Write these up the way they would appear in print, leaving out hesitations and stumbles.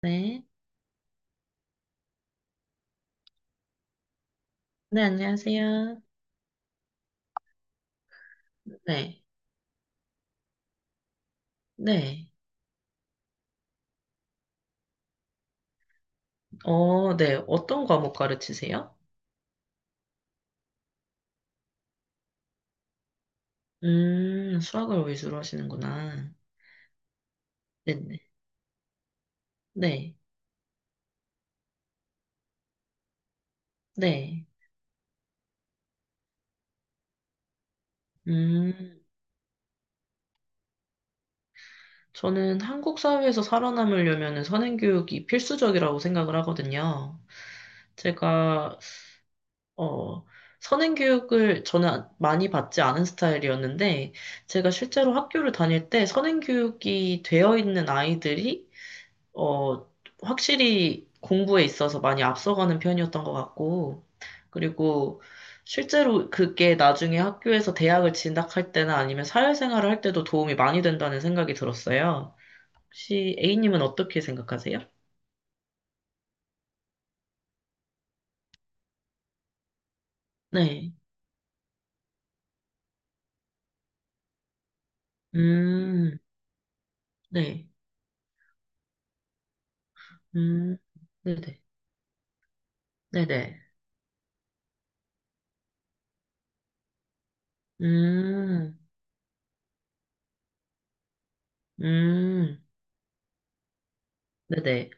네. 네, 안녕하세요. 네. 네. 어, 네. 어떤 과목 가르치세요? 수학을 위주로 하시는구나. 네네. 네. 네. 음. 저는 한국 사회에서 살아남으려면 선행교육이 필수적이라고 생각을 하거든요. 제가, 어, 선행교육을 저는 많이 받지 않은 스타일이었는데, 제가 실제로 학교를 다닐 때 선행교육이 되어 있는 아이들이 어, 확실히 공부에 있어서 많이 앞서가는 편이었던 것 같고, 그리고 실제로 그게 나중에 학교에서 대학을 진학할 때나 아니면 사회생활을 할 때도 도움이 많이 된다는 생각이 들었어요. 혹시 A님은 어떻게 생각하세요? 네. 음. 네. 음. 네네. 네네. 음. 음. 네네.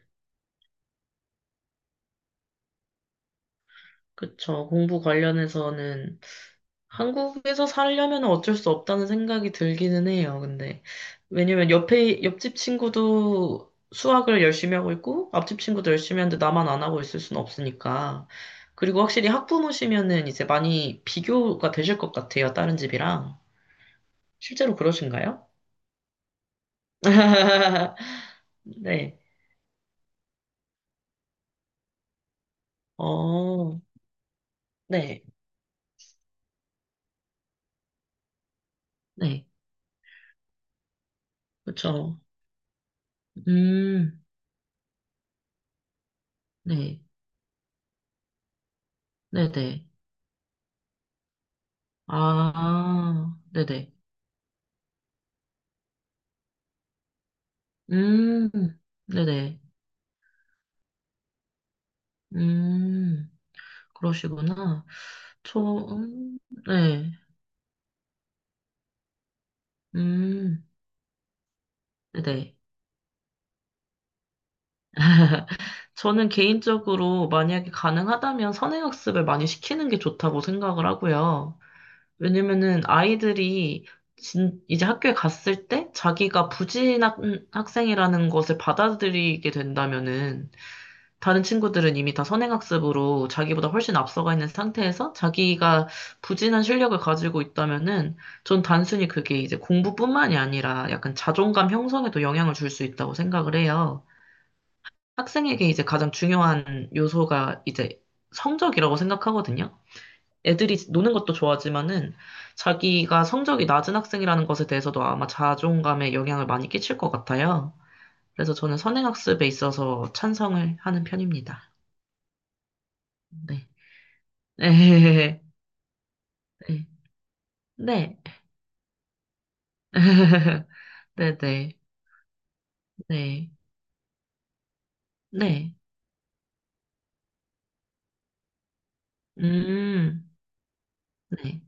그쵸. 공부 관련해서는 한국에서 살려면 어쩔 수 없다는 생각이 들기는 해요, 근데. 왜냐면 옆집 친구도 수학을 열심히 하고 있고, 앞집 친구도 열심히 하는데 나만 안 하고 있을 수는 없으니까. 그리고 확실히 학부모시면은 이제 많이 비교가 되실 것 같아요, 다른 집이랑. 실제로 그러신가요? 네. 어, 네. 네. 그쵸. 음. 네. 네네. 아, 네네. 음. 네네. 음. 그러시구나. 저, 네, 음, 네. 저는 개인적으로 만약에 가능하다면 선행학습을 많이 시키는 게 좋다고 생각을 하고요. 왜냐면은 아이들이 이제 학교에 갔을 때 자기가 부진한 학생이라는 것을 받아들이게 된다면은 다른 친구들은 이미 다 선행학습으로 자기보다 훨씬 앞서가 있는 상태에서 자기가 부진한 실력을 가지고 있다면은 전 단순히 그게 이제 공부뿐만이 아니라 약간 자존감 형성에도 영향을 줄 수 있다고 생각을 해요. 학생에게 이제 가장 중요한 요소가 이제 성적이라고 생각하거든요. 애들이 노는 것도 좋아하지만은 자기가 성적이 낮은 학생이라는 것에 대해서도 아마 자존감에 영향을 많이 끼칠 것 같아요. 그래서 저는 선행학습에 있어서 찬성을 하는 편입니다. 네. 네. 네. 네. 네네. 네. 네. 음. 네.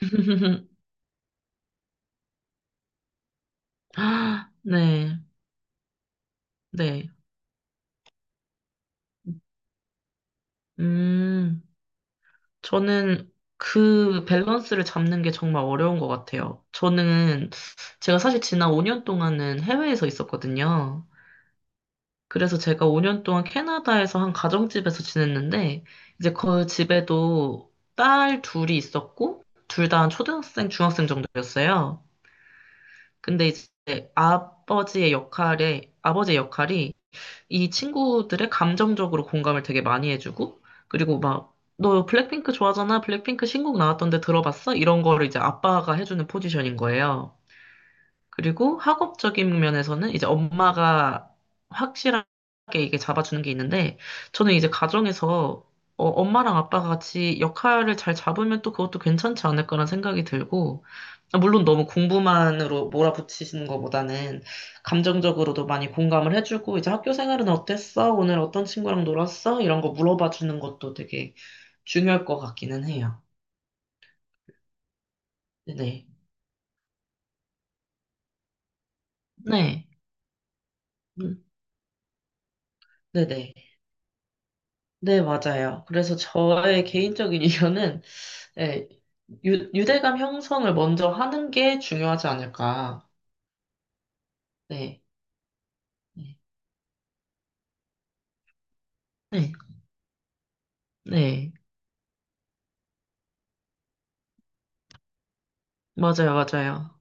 아, 네. 네. 음. 저는 그 밸런스를 잡는 게 정말 어려운 것 같아요. 저는 제가 사실 지난 5년 동안은 해외에서 있었거든요. 그래서 제가 5년 동안 캐나다에서 한 가정집에서 지냈는데, 이제 그 집에도 딸 둘이 있었고, 둘 다 초등학생, 중학생 정도였어요. 근데 이제 아버지의 역할이 이 친구들의 감정적으로 공감을 되게 많이 해주고, 그리고 막, 너 블랙핑크 좋아하잖아? 블랙핑크 신곡 나왔던데 들어봤어? 이런 거를 이제 아빠가 해주는 포지션인 거예요. 그리고 학업적인 면에서는 이제 엄마가 확실하게 이게 잡아주는 게 있는데, 저는 이제 가정에서 엄마랑 아빠가 같이 역할을 잘 잡으면 또 그것도 괜찮지 않을까라는 생각이 들고, 물론 너무 공부만으로 몰아붙이시는 것보다는 감정적으로도 많이 공감을 해주고, 이제 학교 생활은 어땠어? 오늘 어떤 친구랑 놀았어? 이런 거 물어봐 주는 것도 되게 중요할 것 같기는 해요. 네. 네. 음, 네네. 네, 맞아요. 그래서 저의 개인적인 이견은 네, 유대감 형성을 먼저 하는 게 중요하지 않을까. 네. 네. 네. 네. 맞아요, 맞아요.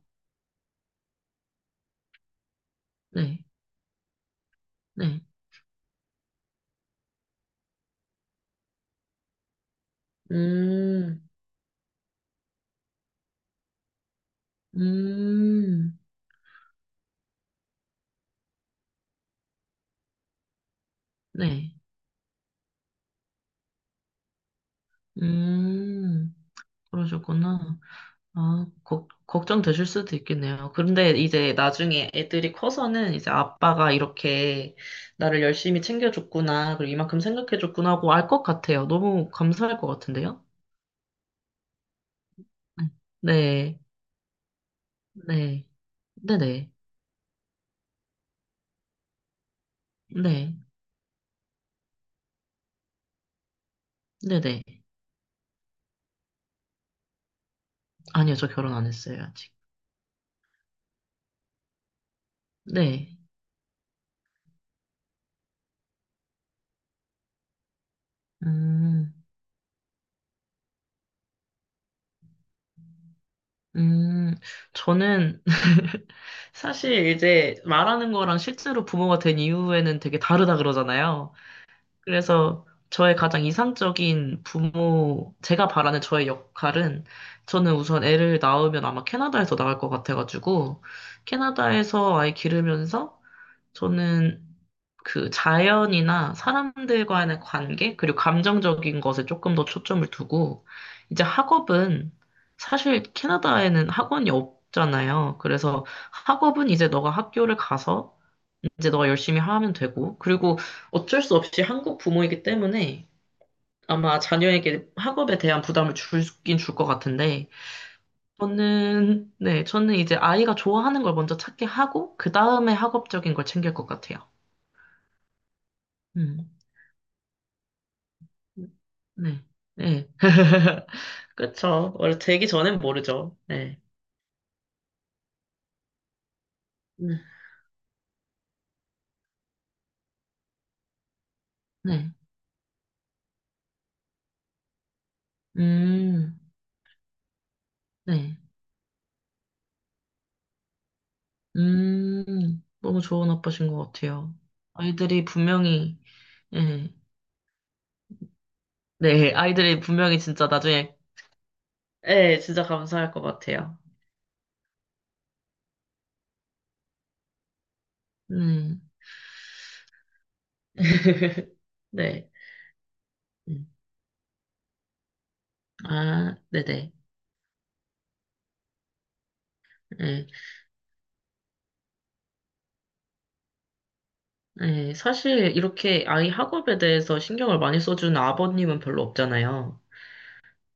네. 네. 음. 음. 네. 음. 그러셨구나. 아, 걱정되실 수도 있겠네요. 그런데 이제 나중에 애들이 커서는 이제 아빠가 이렇게 나를 열심히 챙겨줬구나, 그리고 이만큼 생각해줬구나 하고 알 것 같아요. 너무 감사할 것 같은데요? 네. 네, 네, 네네, 네, 네네. 아니요, 저 결혼 안 했어요, 아직. 네, 음, 음, 저는 사실 이제 말하는 거랑 실제로 부모가 된 이후에는 되게 다르다 그러잖아요. 그래서 저의 가장 이상적인 부모, 제가 바라는 저의 역할은 저는 우선 애를 낳으면 아마 캐나다에서 낳을 것 같아가지고 캐나다에서 아이 기르면서 저는 그 자연이나 사람들과의 관계, 그리고 감정적인 것에 조금 더 초점을 두고, 이제 학업은 사실 캐나다에는 학원이 없잖아요. 그래서 학업은 이제 너가 학교를 가서 이제 너가 열심히 하면 되고. 그리고 어쩔 수 없이 한국 부모이기 때문에 아마 자녀에게 학업에 대한 부담을 줄긴 줄 것 같은데, 저는, 네, 저는 이제 아이가 좋아하는 걸 먼저 찾게 하고, 그 다음에 학업적인 걸 챙길 것 같아요. 음. 네. 네. 그쵸. 원래 되기 전엔 모르죠. 네. 네. 네. 음. 네. 음. 너무 좋은 아빠신 것 같아요. 아이들이 분명히, 예. 네, 아이들이 분명히 진짜 나중에, 네 진짜 감사할 것 같아요. 음. 네. 음. 아, 네네. 네. 네 사실 이렇게 아이 학업에 대해서 신경을 많이 써주는 아버님은 별로 없잖아요.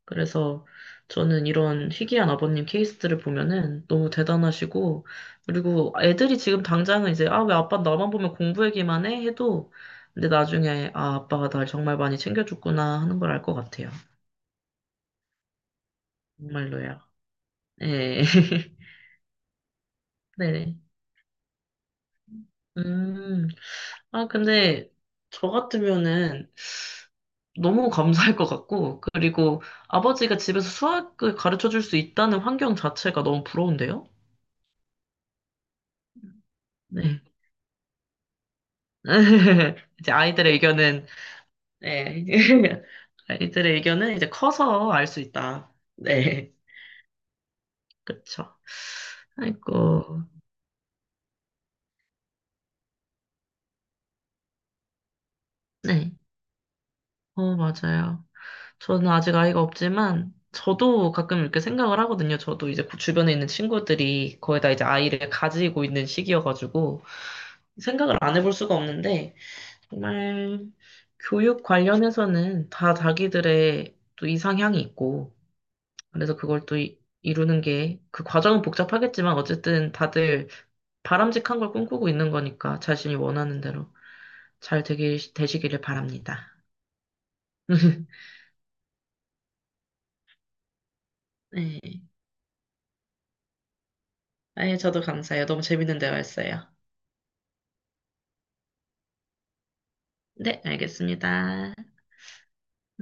그래서 저는 이런 희귀한 아버님 케이스들을 보면은 너무 대단하시고, 그리고 애들이 지금 당장은 이제, 아, 왜 아빠 나만 보면 공부 얘기만 해? 해도, 근데 나중에, 아, 아빠가 날 정말 많이 챙겨줬구나 하는 걸 알 것 같아요. 정말로요. 네. 네네. 음. 아, 근데 저 같으면은 너무 감사할 것 같고, 그리고 아버지가 집에서 수학을 가르쳐 줄 수 있다는 환경 자체가 너무 부러운데요? 네. 이제 아이들의 의견은, 네. 아이들의 의견은 이제 커서 알 수 있다. 네. 그쵸. 아이고. 네. 어, 맞아요. 저는 아직 아이가 없지만, 저도 가끔 이렇게 생각을 하거든요. 저도 이제 그 주변에 있는 친구들이 거의 다 이제 아이를 가지고 있는 시기여가지고, 생각을 안 해볼 수가 없는데, 정말 교육 관련해서는 다 자기들의 또 이상향이 있고, 그래서 그걸 또 루는 게, 그 과정은 복잡하겠지만, 어쨌든 다들 바람직한 걸 꿈꾸고 있는 거니까, 자신이 원하는 대로 잘 되기, 되시기를 바랍니다. 네. 아예 저도 감사해요. 너무 재밌는 대화였어요. 네, 알겠습니다.